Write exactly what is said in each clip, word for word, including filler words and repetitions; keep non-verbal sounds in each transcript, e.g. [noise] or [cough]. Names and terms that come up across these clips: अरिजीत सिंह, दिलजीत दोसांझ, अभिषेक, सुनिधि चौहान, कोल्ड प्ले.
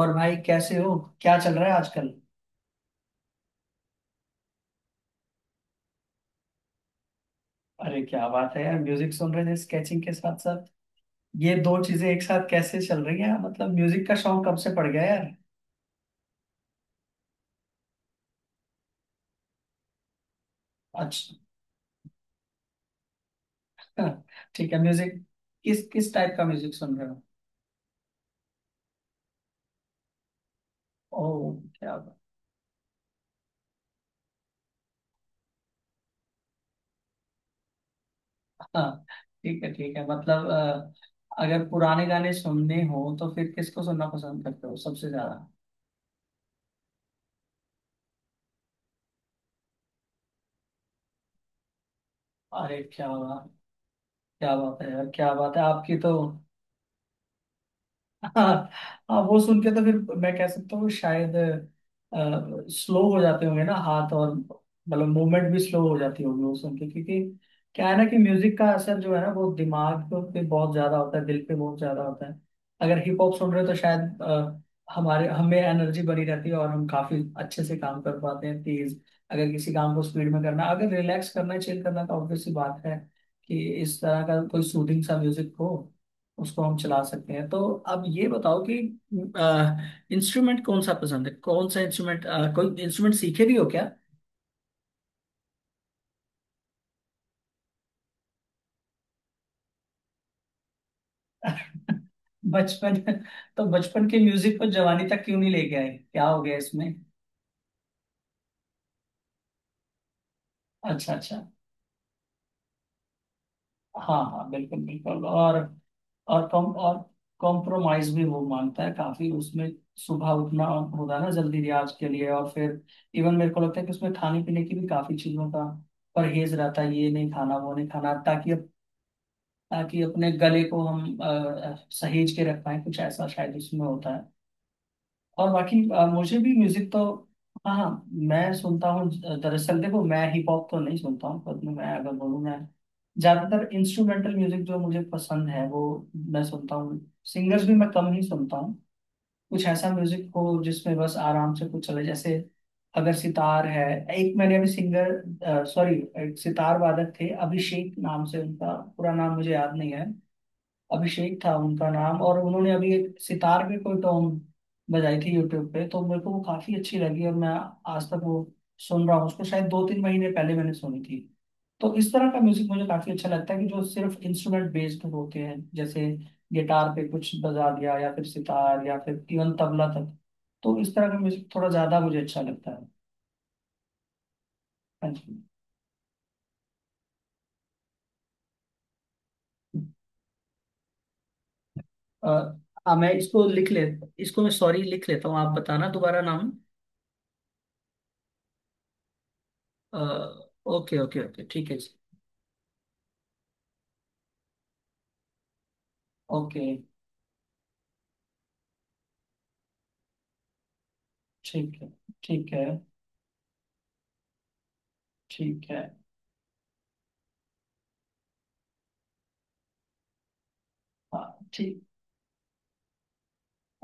और भाई कैसे हो? क्या चल रहा है आजकल? अरे क्या बात है यार, म्यूजिक सुन रहे थे स्केचिंग के साथ साथ। ये दो चीजें एक साथ कैसे चल रही हैं? मतलब म्यूजिक का शौक कब से पड़ गया यार? अच्छा। [laughs] ठीक है, म्यूजिक। किस किस टाइप का म्यूजिक सुन रहे हो? ओ, क्या बात। हाँ, ठीक है ठीक है। मतलब अ, अगर पुराने गाने सुनने हो तो फिर किसको सुनना पसंद करते हो सबसे ज्यादा? अरे क्या बात, क्या बात है यार, क्या बात है आपकी तो। हाँ, हाँ वो सुन के तो फिर मैं कह सकता हूँ शायद स्लो हो जाते होंगे ना हाथ, और मतलब मूवमेंट भी स्लो हो जाती होगी वो सुन के, क्योंकि क्या है ना कि म्यूजिक का असर जो है ना वो दिमाग पे बहुत ज्यादा होता है, दिल पे बहुत ज्यादा होता है। अगर हिप हॉप सुन रहे हो तो शायद अ, हमारे हमें एनर्जी बनी रहती है और हम काफी अच्छे से काम कर पाते हैं, तेज। अगर किसी काम को स्पीड में करना, अगर रिलैक्स करना है, चिल करना, तो ऑब्वियस सी बात है कि इस तरह का कोई सूदिंग सा म्यूजिक हो, उसको हम चला सकते हैं। तो अब ये बताओ कि इंस्ट्रूमेंट कौन सा पसंद है? कौन सा इंस्ट्रूमेंट कोई इंस्ट्रूमेंट सीखे भी हो क्या? [laughs] बचपन। तो बचपन के म्यूजिक को जवानी तक क्यों नहीं ले गए? क्या हो गया इसमें? अच्छा अच्छा। हाँ हाँ, बिल्कुल बिल्कुल। और और कॉम और कॉम्प्रोमाइज भी वो मांगता है काफी उसमें। सुबह उठना होता है ना जल्दी रियाज के लिए, और फिर इवन मेरे को लगता है कि उसमें खाने पीने की भी काफी चीजों का परहेज रहता है, ये नहीं खाना वो नहीं खाना, ताकि ताकि अपने गले को हम अ, सहेज के रख पाए, कुछ ऐसा शायद उसमें होता है। और बाकी अ, मुझे भी म्यूजिक तो हाँ हाँ, मैं सुनता हूँ। दरअसल देखो, मैं हिप हॉप तो नहीं सुनता हूँ, पर मैं अगर बोलूँ, मैं ज्यादातर इंस्ट्रूमेंटल म्यूजिक जो मुझे पसंद है वो मैं सुनता हूँ। सिंगर्स भी मैं कम ही सुनता हूँ। कुछ ऐसा म्यूजिक हो जिसमें बस आराम से कुछ चले, जैसे अगर सितार है। एक मैंने अभी सिंगर सॉरी, एक सितार वादक थे, अभिषेक नाम से। उनका पूरा नाम मुझे याद नहीं है, अभिषेक था उनका नाम। और उन्होंने अभी एक सितार पे कोई टॉन्ग बजाई थी यूट्यूब पे, तो मेरे को वो काफी अच्छी लगी और मैं आज तक वो सुन रहा हूँ उसको। शायद दो तीन महीने पहले मैंने सुनी थी। तो इस तरह का म्यूजिक मुझे काफी अच्छा लगता है कि जो सिर्फ इंस्ट्रूमेंट बेस्ड होते हैं, जैसे गिटार पे कुछ बजा दिया, या फिर सितार, या फिर इवन तबला तक। तो इस तरह का म्यूजिक थोड़ा ज्यादा मुझे अच्छा लगता है। हाँ जी। अ, हाँ मैं इसको लिख ले। इसको मैं सॉरी लिख लेता हूँ, आप बताना दोबारा नाम। ओके ओके ओके, ठीक है। ओके। ठीक है ठीक है, ठीक है। हाँ, ठीक।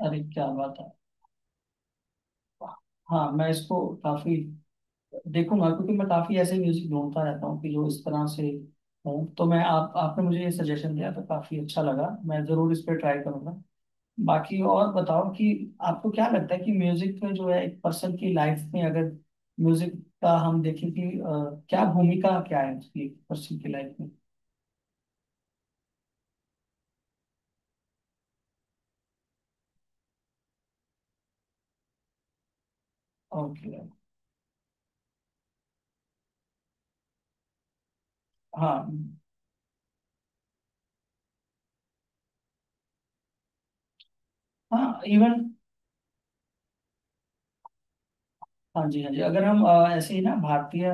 अरे क्या बात है। वाह। हाँ मैं इसको काफी देखूंगा, क्योंकि मैं काफी ऐसे म्यूजिक ढूंढता रहता हूँ कि जो इस तरह से हों। तो मैं आप आपने मुझे ये सजेशन दिया तो काफी अच्छा लगा, मैं जरूर इस पर ट्राई करूंगा। बाकी और बताओ कि आपको क्या लगता है कि म्यूजिक में जो है, एक पर्सन की लाइफ में, अगर म्यूजिक का हम देखें कि अ, क्या भूमिका क्या है उसकी पर्सन की लाइफ में? ओके। हाँ। हाँ इवन। हाँ जी हाँ जी, अगर हम अ, ऐसे ही ना भारतीय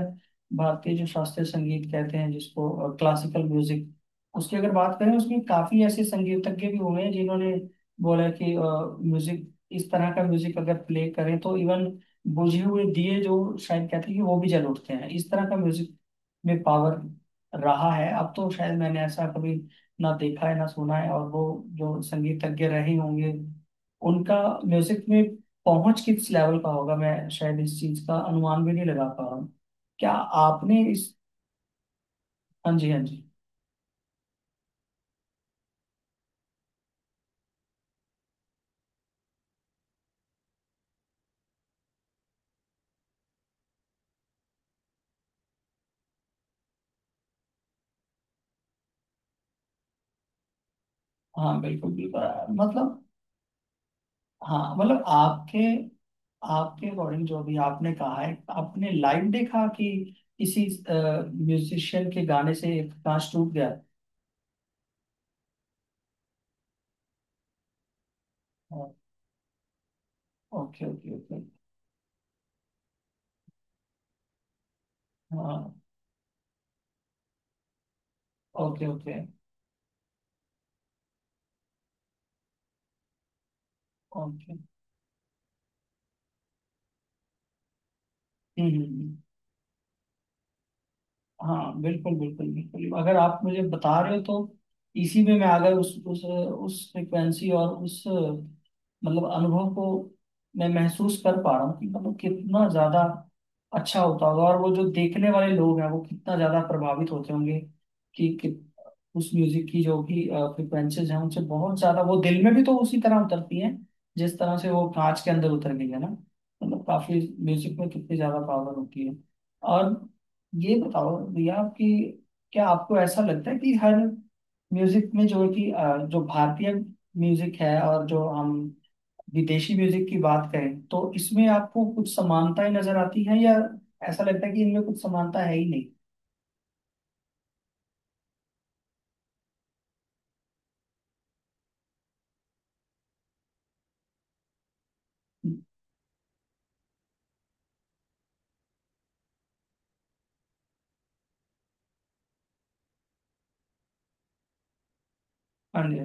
भारतीय जो शास्त्रीय संगीत कहते हैं, जिसको क्लासिकल म्यूजिक, उसकी अगर बात करें, उसमें काफी ऐसे संगीतज्ञ भी हुए हैं जिन्होंने बोला कि म्यूजिक, इस तरह का म्यूजिक अगर प्ले करें तो इवन बुझे हुए दिए जो शायद कहते हैं कि वो भी जल उठते हैं, इस तरह का म्यूजिक में पावर रहा है। अब तो शायद मैंने ऐसा कभी ना देखा है ना सुना है। और वो जो संगीतज्ञ रहे होंगे, उनका म्यूजिक में पहुंच किस लेवल का होगा, मैं शायद इस चीज का अनुमान भी नहीं लगा पा रहा हूँ। क्या आपने इस, हाँ जी हाँ जी। हाँ बिल्कुल बिल्कुल, अ, मतलब। हाँ मतलब आपके आपके अकॉर्डिंग जो भी आपने कहा है, आपने लाइव देखा कि किसी म्यूजिशियन के गाने से एक कांच टूट गया। Okay okay okay. हाँ। Okay okay okay. हम्म हम्म, हम्म। हाँ बिल्कुल बिल्कुल बिल्कुल, अगर आप मुझे बता रहे हो तो इसी में मैं अगर उस उस उस फ्रिक्वेंसी और उस मतलब अनुभव को मैं महसूस कर पा रहा हूँ कि मतलब कितना ज्यादा अच्छा होता होगा, और वो जो देखने वाले लोग हैं वो कितना ज्यादा प्रभावित होते होंगे कि, कि उस म्यूजिक की जो कि फ्रिक्वेंसीज हैं, उनसे बहुत ज्यादा वो दिल में भी तो उसी तरह उतरती हैं जिस तरह से वो कांच के अंदर उतर गई है ना। मतलब काफी, म्यूजिक में कितनी ज्यादा पावर होती है। और ये बताओ भैया कि क्या आपको ऐसा लगता है कि हर म्यूजिक में जो है कि अ, जो भारतीय म्यूजिक है, और जो हम विदेशी म्यूजिक की बात करें, तो इसमें आपको कुछ समानताएं नजर आती हैं, या ऐसा लगता है कि इनमें कुछ समानता है ही नहीं? हाँ जी।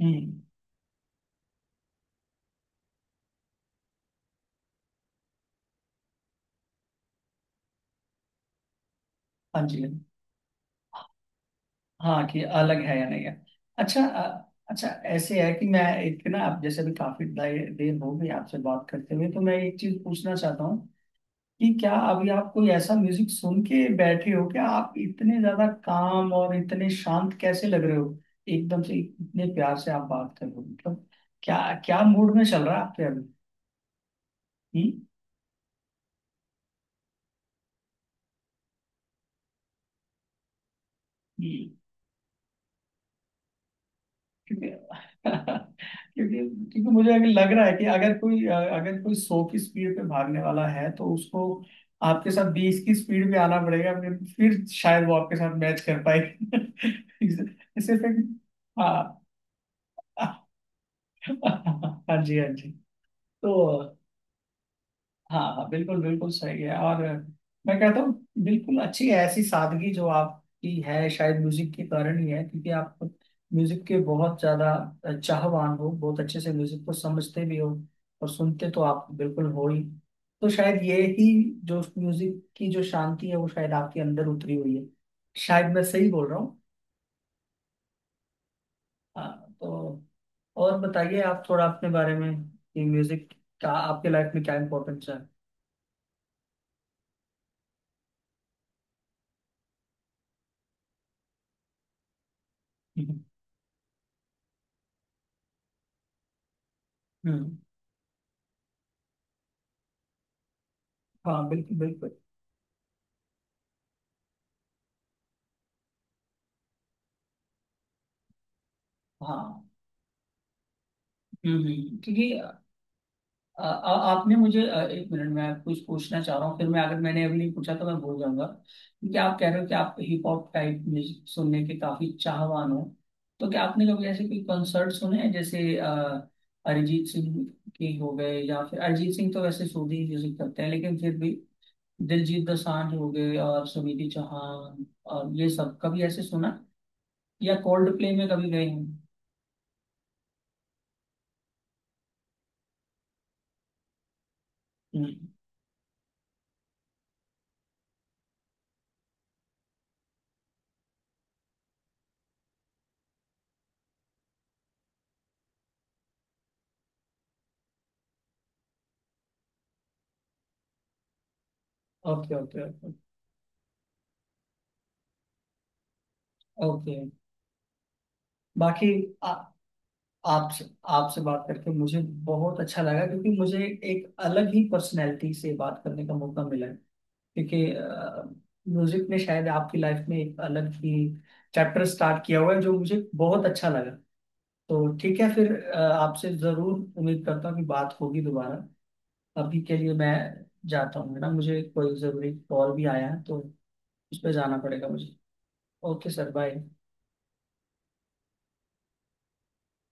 हम्म। हाँ जी। हाँ कि अलग है या नहीं है। अच्छा अ, अच्छा ऐसे है कि मैं एक ना, आप जैसे भी काफी दे- देर हो गई आपसे बात करते हुए, तो मैं एक चीज पूछना चाहता हूँ कि क्या अभी आप कोई ऐसा म्यूजिक सुन के बैठे हो? क्या आप इतने ज्यादा काम और इतने शांत कैसे लग रहे हो? एकदम से इतने प्यार से आप बात कर रहे हो, मतलब क्या, क्या मूड में चल रहा है आपके अभी? हम्म? हम्म, क्योंकि [laughs] क्योंकि क्योंकि मुझे अभी लग रहा है कि अगर कोई, अगर कोई सौ की स्पीड पे भागने वाला है, तो उसको आपके साथ बीस की स्पीड पे आना पड़ेगा, फिर फिर शायद वो आपके साथ मैच कर पाए। [laughs] इसे इसे फिर। हाँ। [laughs] हाँ जी हाँ जी। तो हाँ हाँ, बिल्कुल बिल्कुल सही है। और मैं कहता हूँ बिल्कुल अच्छी है ऐसी सादगी जो आपकी है, शायद म्यूजिक के कारण ही है, क्योंकि आप म्यूजिक के बहुत ज्यादा चाहवान हो, बहुत अच्छे से म्यूजिक को समझते भी हो, और सुनते तो आप बिल्कुल हो ही। तो शायद ये ही जो म्यूजिक की जो शांति है वो शायद आपके अंदर उतरी हुई है। शायद मैं सही बोल रहा हूँ। हाँ, तो और बताइए आप थोड़ा अपने बारे में कि म्यूजिक का आपके लाइफ में क्या इम्पोर्टेंस है? [laughs] हम्म हम्म। हाँ बिल्कुल बिल्कुल। हाँ। हम्म हम्म, क्योंकि अ, आ, आपने मुझे अ, एक मिनट, मैं कुछ पूछना चाह रहा हूँ, फिर मैं, अगर मैंने अभी नहीं पूछा तो मैं भूल जाऊंगा। क्योंकि आप कह रहे हो कि आप हिप हॉप टाइप म्यूजिक सुनने के काफी चाहवान हो, तो क्या आपने कभी ऐसे कोई कंसर्ट सुने हैं, जैसे अ, अरिजीत सिंह के हो गए, या फिर अरिजीत सिंह तो वैसे सूदी म्यूजिक करते हैं लेकिन फिर भी, दिलजीत दोसांझ हो गए, और सुनिधि चौहान, और ये सब कभी ऐसे सुना, या कोल्ड प्ले में कभी गए हैं? हम्म, ओके ओके ओके। बाकी आ- आपसे आपसे बात करके मुझे बहुत अच्छा लगा, क्योंकि मुझे एक अलग ही पर्सनैलिटी से बात करने का मौका मिला है। क्योंकि म्यूजिक ने शायद आपकी लाइफ में एक अलग ही चैप्टर स्टार्ट किया हुआ है, जो मुझे बहुत अच्छा लगा। तो ठीक है फिर, अ, आपसे जरूर उम्मीद करता हूँ कि बात होगी दोबारा। अभी के लिए मैं जाता हूँ, है ना, मुझे कोई जरूरी कॉल भी आया है तो उस पर जाना पड़ेगा मुझे। Okay sir, bye.